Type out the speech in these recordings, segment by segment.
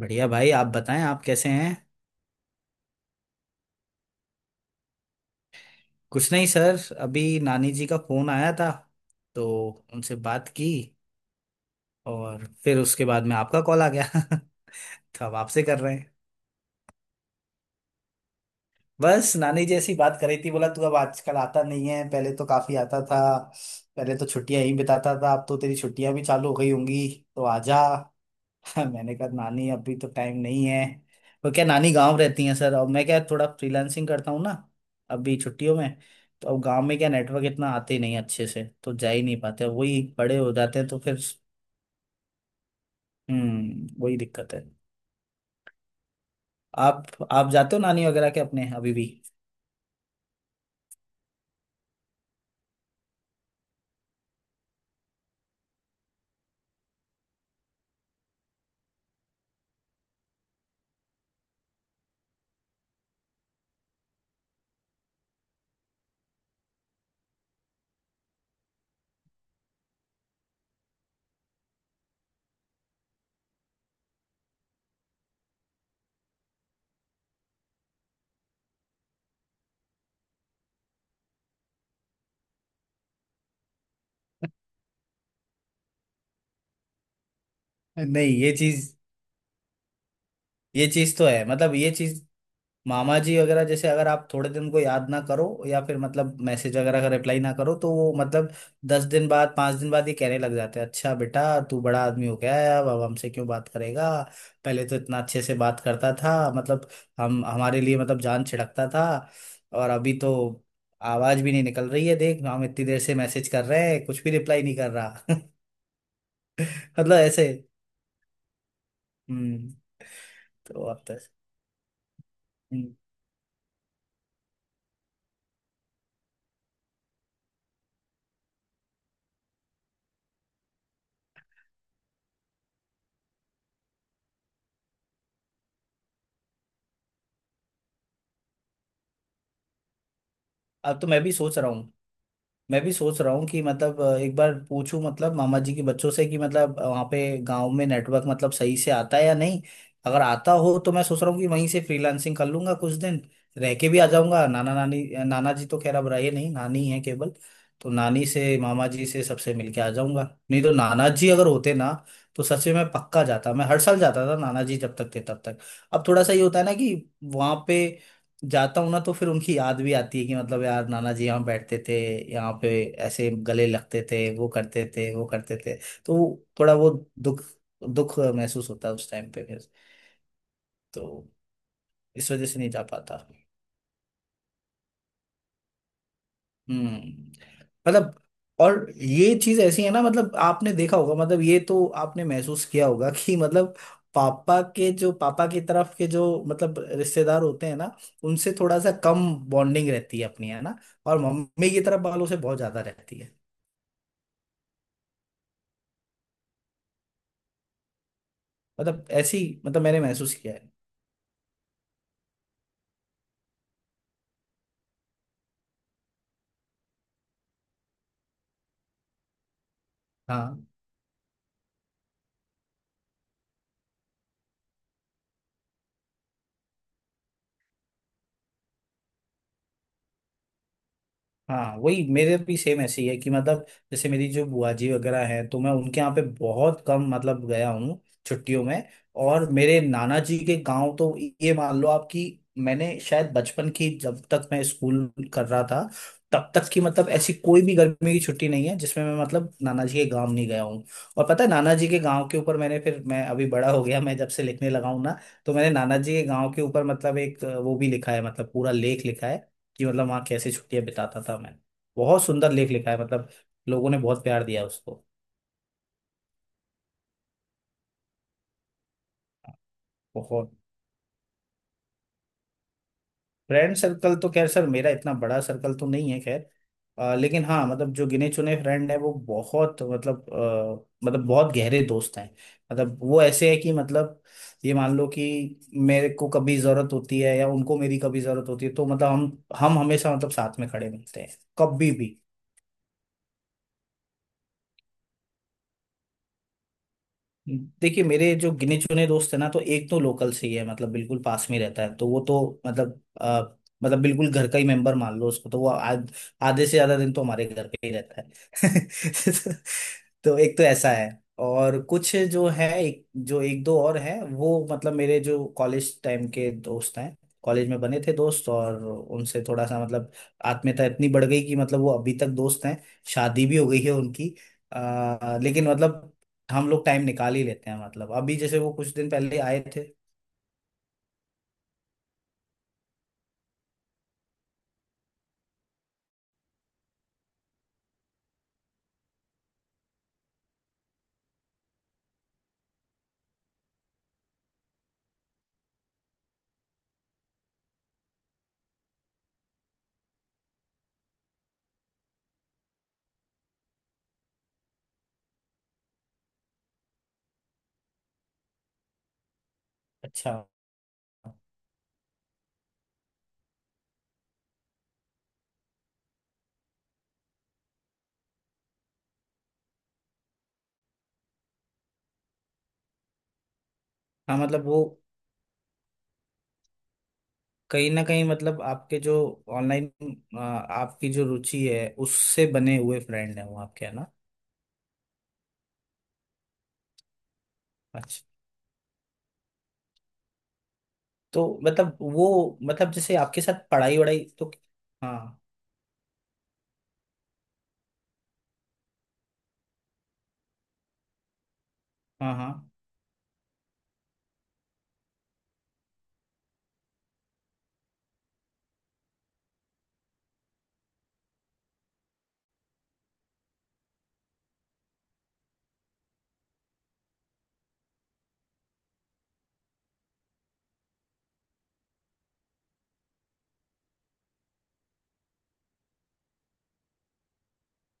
बढ़िया भाई। आप बताएं, आप कैसे हैं। कुछ नहीं सर, अभी नानी जी का फोन आया था। तो उनसे बात की। और फिर उसके बाद में आपका कॉल आ गया तो अब आपसे कर रहे हैं। बस नानी जी ऐसी बात करी थी, बोला तू अब आजकल आता नहीं है, पहले तो काफी आता था। पहले तो छुट्टियां ही बिताता था, अब तो तेरी छुट्टियां भी चालू हो गई होंगी, तो आजा। मैंने कहा नानी अभी तो टाइम नहीं है। वो क्या नानी गांव रहती हैं सर, और मैं क्या थोड़ा फ्रीलांसिंग करता हूँ ना, अभी छुट्टियों में। तो अब गांव में क्या नेटवर्क इतना आते ही नहीं है अच्छे से, तो जा ही नहीं पाते, वही बड़े हो जाते हैं तो फिर। हम्म, वही दिक्कत है। आप आप जाते हो नानी वगैरह के अपने अभी भी। नहीं ये चीज, ये चीज तो है, मतलब ये चीज, मामा जी वगैरह जैसे अगर आप थोड़े दिन को याद ना करो या फिर मतलब मैसेज वगैरह का रिप्लाई ना करो तो वो मतलब 10 दिन बाद 5 दिन बाद ये कहने लग जाते हैं, अच्छा बेटा तू बड़ा आदमी हो गया है, अब हमसे क्यों बात करेगा, पहले तो इतना अच्छे से बात करता था मतलब, हम हमारे लिए मतलब जान छिड़कता था, और अभी तो आवाज भी नहीं निकल रही है, देख हम इतनी देर से मैसेज कर रहे हैं कुछ भी रिप्लाई नहीं कर रहा। मतलब ऐसे। हम्म। तो अब तो, हम्म, अब तो मैं भी सोच रहा हूँ, कि मतलब एक बार पूछूं मतलब मामा जी के बच्चों से कि मतलब वहाँ पे गांव में नेटवर्क मतलब सही से आता है या नहीं। अगर आता हो तो मैं सोच रहा हूँ कि वहीं से फ्रीलांसिंग कर लूंगा कुछ दिन, रह के भी आ जाऊंगा। नाना नानी, नाना जी तो खैर अब रहे नहीं, नानी है केवल। तो नानी से मामा जी से सबसे मिलके आ जाऊंगा। नहीं तो नाना जी अगर होते ना, तो सच में मैं पक्का जाता, मैं हर साल जाता था नाना जी जब तक थे तब तक। अब थोड़ा सा ये होता है ना कि वहाँ पे जाता हूँ ना तो फिर उनकी याद भी आती है, कि मतलब यार नाना जी यहाँ बैठते थे, यहाँ पे ऐसे गले लगते थे, वो करते थे वो करते थे। तो वो थोड़ा वो दुख दुख महसूस होता है उस टाइम पे फिर। तो इस वजह से नहीं जा पाता। हम्म। मतलब, और ये चीज ऐसी है ना मतलब आपने देखा होगा, मतलब ये तो आपने महसूस किया होगा कि मतलब पापा की तरफ के जो मतलब रिश्तेदार होते हैं ना, उनसे थोड़ा सा कम बॉन्डिंग रहती है अपनी, है ना। और मम्मी की तरफ वालों से बहुत ज्यादा रहती है। मतलब ऐसी, मतलब मैंने महसूस किया है। हाँ हाँ, वही मेरे भी सेम ऐसे ही है कि मतलब, जैसे मेरी जो बुआ जी वगैरह हैं तो मैं उनके यहाँ पे बहुत कम मतलब गया हूँ, छुट्टियों में। और मेरे नाना जी के गांव तो, ये मान लो आप कि मैंने शायद बचपन की, जब तक मैं स्कूल कर रहा था तब तक की, मतलब ऐसी कोई भी गर्मी की छुट्टी नहीं है जिसमें मैं मतलब नाना जी के गांव नहीं गया हूँ। और पता है, नाना जी के गांव के ऊपर मैंने, फिर मैं अभी बड़ा हो गया, मैं जब से लिखने लगा हूँ ना, तो मैंने नाना जी के गांव के ऊपर मतलब एक वो भी लिखा है, मतलब पूरा लेख लिखा है, कि मतलब वहाँ कैसे छुट्टियाँ बिताता था मैं। बहुत सुंदर लेख लिखा है मतलब। लोगों ने बहुत प्यार दिया उसको। बहुत, फ्रेंड सर्कल तो खैर सर मेरा इतना बड़ा सर्कल तो नहीं है खैर, लेकिन हाँ मतलब जो गिने चुने फ्रेंड है वो बहुत मतलब, मतलब बहुत गहरे दोस्त हैं। मतलब वो ऐसे है कि मतलब ये मान लो कि मेरे को कभी जरूरत होती है या उनको मेरी कभी जरूरत होती है तो मतलब हम हमेशा मतलब साथ में खड़े मिलते हैं कभी भी। देखिए मेरे जो गिने चुने दोस्त है ना, तो एक तो लोकल से ही है, मतलब बिल्कुल पास में रहता है, तो वो तो मतलब मतलब बिल्कुल घर का ही मेंबर मान लो उसको, तो वो आधे से ज्यादा दिन तो हमारे घर पे ही रहता है तो एक तो ऐसा है। और कुछ जो है, एक जो एक दो और है, वो मतलब मेरे जो कॉलेज टाइम के दोस्त हैं, कॉलेज में बने थे दोस्त, और उनसे थोड़ा सा मतलब आत्मीयता इतनी बढ़ गई कि मतलब वो अभी तक दोस्त हैं। शादी भी हो गई है उनकी। लेकिन मतलब हम लोग टाइम निकाल ही लेते हैं, मतलब अभी जैसे वो कुछ दिन पहले आए थे। अच्छा, हाँ मतलब वो कहीं ना कहीं मतलब आपके जो ऑनलाइन, आपकी जो रुचि है उससे बने हुए फ्रेंड हैं वो आपके, है ना। अच्छा। तो मतलब वो मतलब जैसे आपके साथ पढ़ाई वढ़ाई तो, हाँ हाँ, हाँ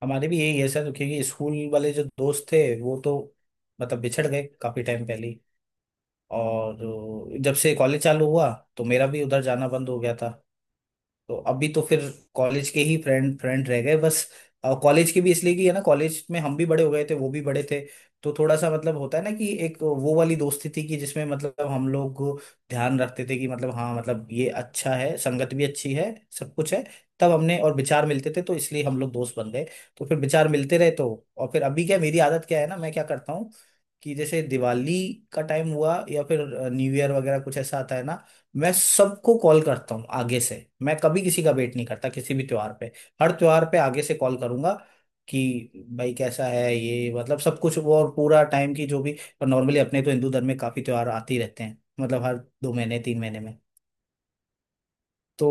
हमारे भी यही है सर, क्योंकि स्कूल वाले जो दोस्त थे वो तो मतलब बिछड़ गए काफी टाइम पहले ही। और जब से कॉलेज चालू हुआ तो मेरा भी उधर जाना बंद हो गया था। तो अभी तो फिर कॉलेज के ही फ्रेंड फ्रेंड रह गए बस। कॉलेज के भी इसलिए कि है ना, कॉलेज में हम भी बड़े हो गए थे वो भी बड़े थे, तो थोड़ा सा मतलब होता है ना कि एक वो वाली दोस्ती थी कि जिसमें मतलब हम लोग ध्यान रखते थे कि मतलब हाँ मतलब ये अच्छा है, संगत भी अच्छी है, सब कुछ है, तब हमने और विचार मिलते थे तो इसलिए हम लोग दोस्त बन गए। तो फिर विचार मिलते रहे तो। और फिर अभी क्या मेरी आदत क्या है ना, मैं क्या करता हूँ कि जैसे दिवाली का टाइम हुआ या फिर न्यू ईयर वगैरह कुछ ऐसा आता है ना, मैं सबको कॉल करता हूँ आगे से। मैं कभी किसी का वेट नहीं करता किसी भी त्योहार पे, हर त्योहार पे आगे से कॉल करूंगा कि भाई कैसा है ये मतलब सब कुछ वो, और पूरा टाइम की जो भी। और नॉर्मली अपने तो हिंदू धर्म में काफी त्योहार आते ही रहते हैं, मतलब हर 2 महीने 3 महीने में। तो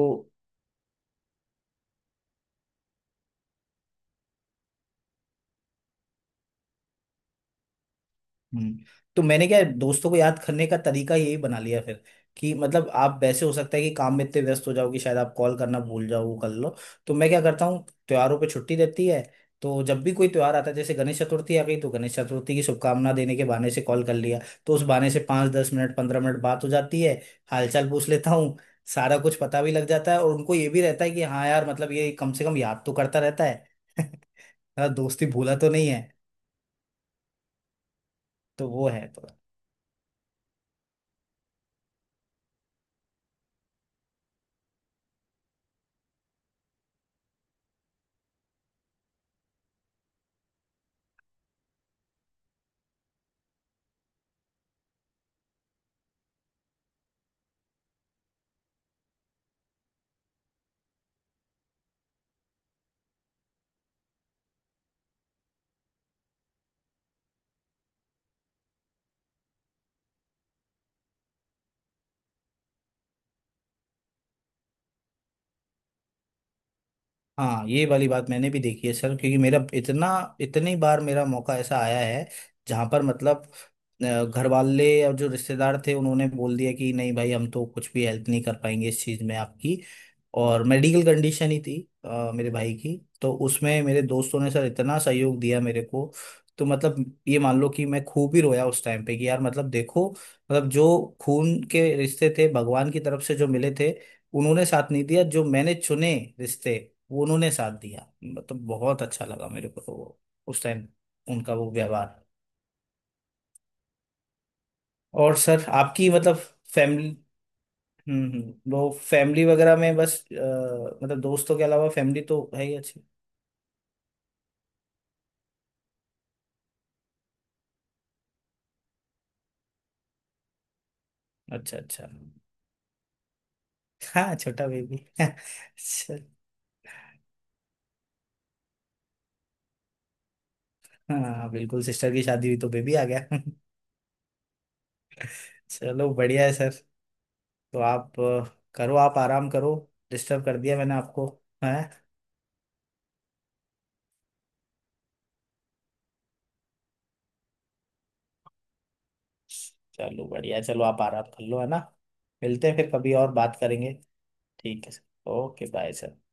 हम्म, तो मैंने क्या है, दोस्तों को याद करने का तरीका यही बना लिया फिर कि मतलब आप वैसे हो सकता है कि काम में इतने व्यस्त हो जाओ कि शायद आप कॉल करना भूल जाओ, वो कर लो। तो मैं क्या करता हूँ, त्योहारों पे छुट्टी रहती है तो जब भी कोई त्योहार आता है जैसे गणेश चतुर्थी आ गई तो गणेश चतुर्थी की शुभकामना देने के बहाने से कॉल कर लिया। तो उस बहाने से 5-10 मिनट 15 मिनट बात हो जाती है। हालचाल पूछ लेता हूँ। सारा कुछ पता भी लग जाता है और उनको ये भी रहता है कि हाँ यार मतलब ये कम से कम याद तो करता रहता है। दोस्ती भूला तो नहीं है। तो वो है तो। हाँ ये वाली बात मैंने भी देखी है सर, क्योंकि मेरा इतना, इतनी बार मेरा मौका ऐसा आया है जहां पर मतलब घर वाले और जो रिश्तेदार थे उन्होंने बोल दिया कि नहीं भाई हम तो कुछ भी हेल्प नहीं कर पाएंगे इस चीज में आपकी, और मेडिकल कंडीशन ही थी मेरे भाई की। तो उसमें मेरे दोस्तों ने सर इतना सहयोग दिया मेरे को। तो मतलब ये मान लो कि मैं खूब ही रोया उस टाइम पे कि यार मतलब देखो मतलब जो खून के रिश्ते थे भगवान की तरफ से जो मिले थे उन्होंने साथ नहीं दिया, जो मैंने चुने रिश्ते वो उन्होंने साथ दिया, मतलब बहुत अच्छा लगा मेरे को तो वो उस टाइम उनका वो व्यवहार। और सर आपकी मतलब फैमिली। वो फैमिली वगैरह में बस मतलब दोस्तों के अलावा फैमिली तो है ही अच्छी। अच्छा अच्छा। हाँ छोटा बेबी हाँ बिल्कुल, सिस्टर की शादी हुई तो बेबी आ गया। चलो बढ़िया है सर। तो आप करो, आप आराम करो। डिस्टर्ब कर दिया मैंने आपको, है। चलो बढ़िया है, चलो आप आराम कर लो, है ना। मिलते हैं फिर कभी और बात करेंगे। ठीक है सर, ओके बाय सर।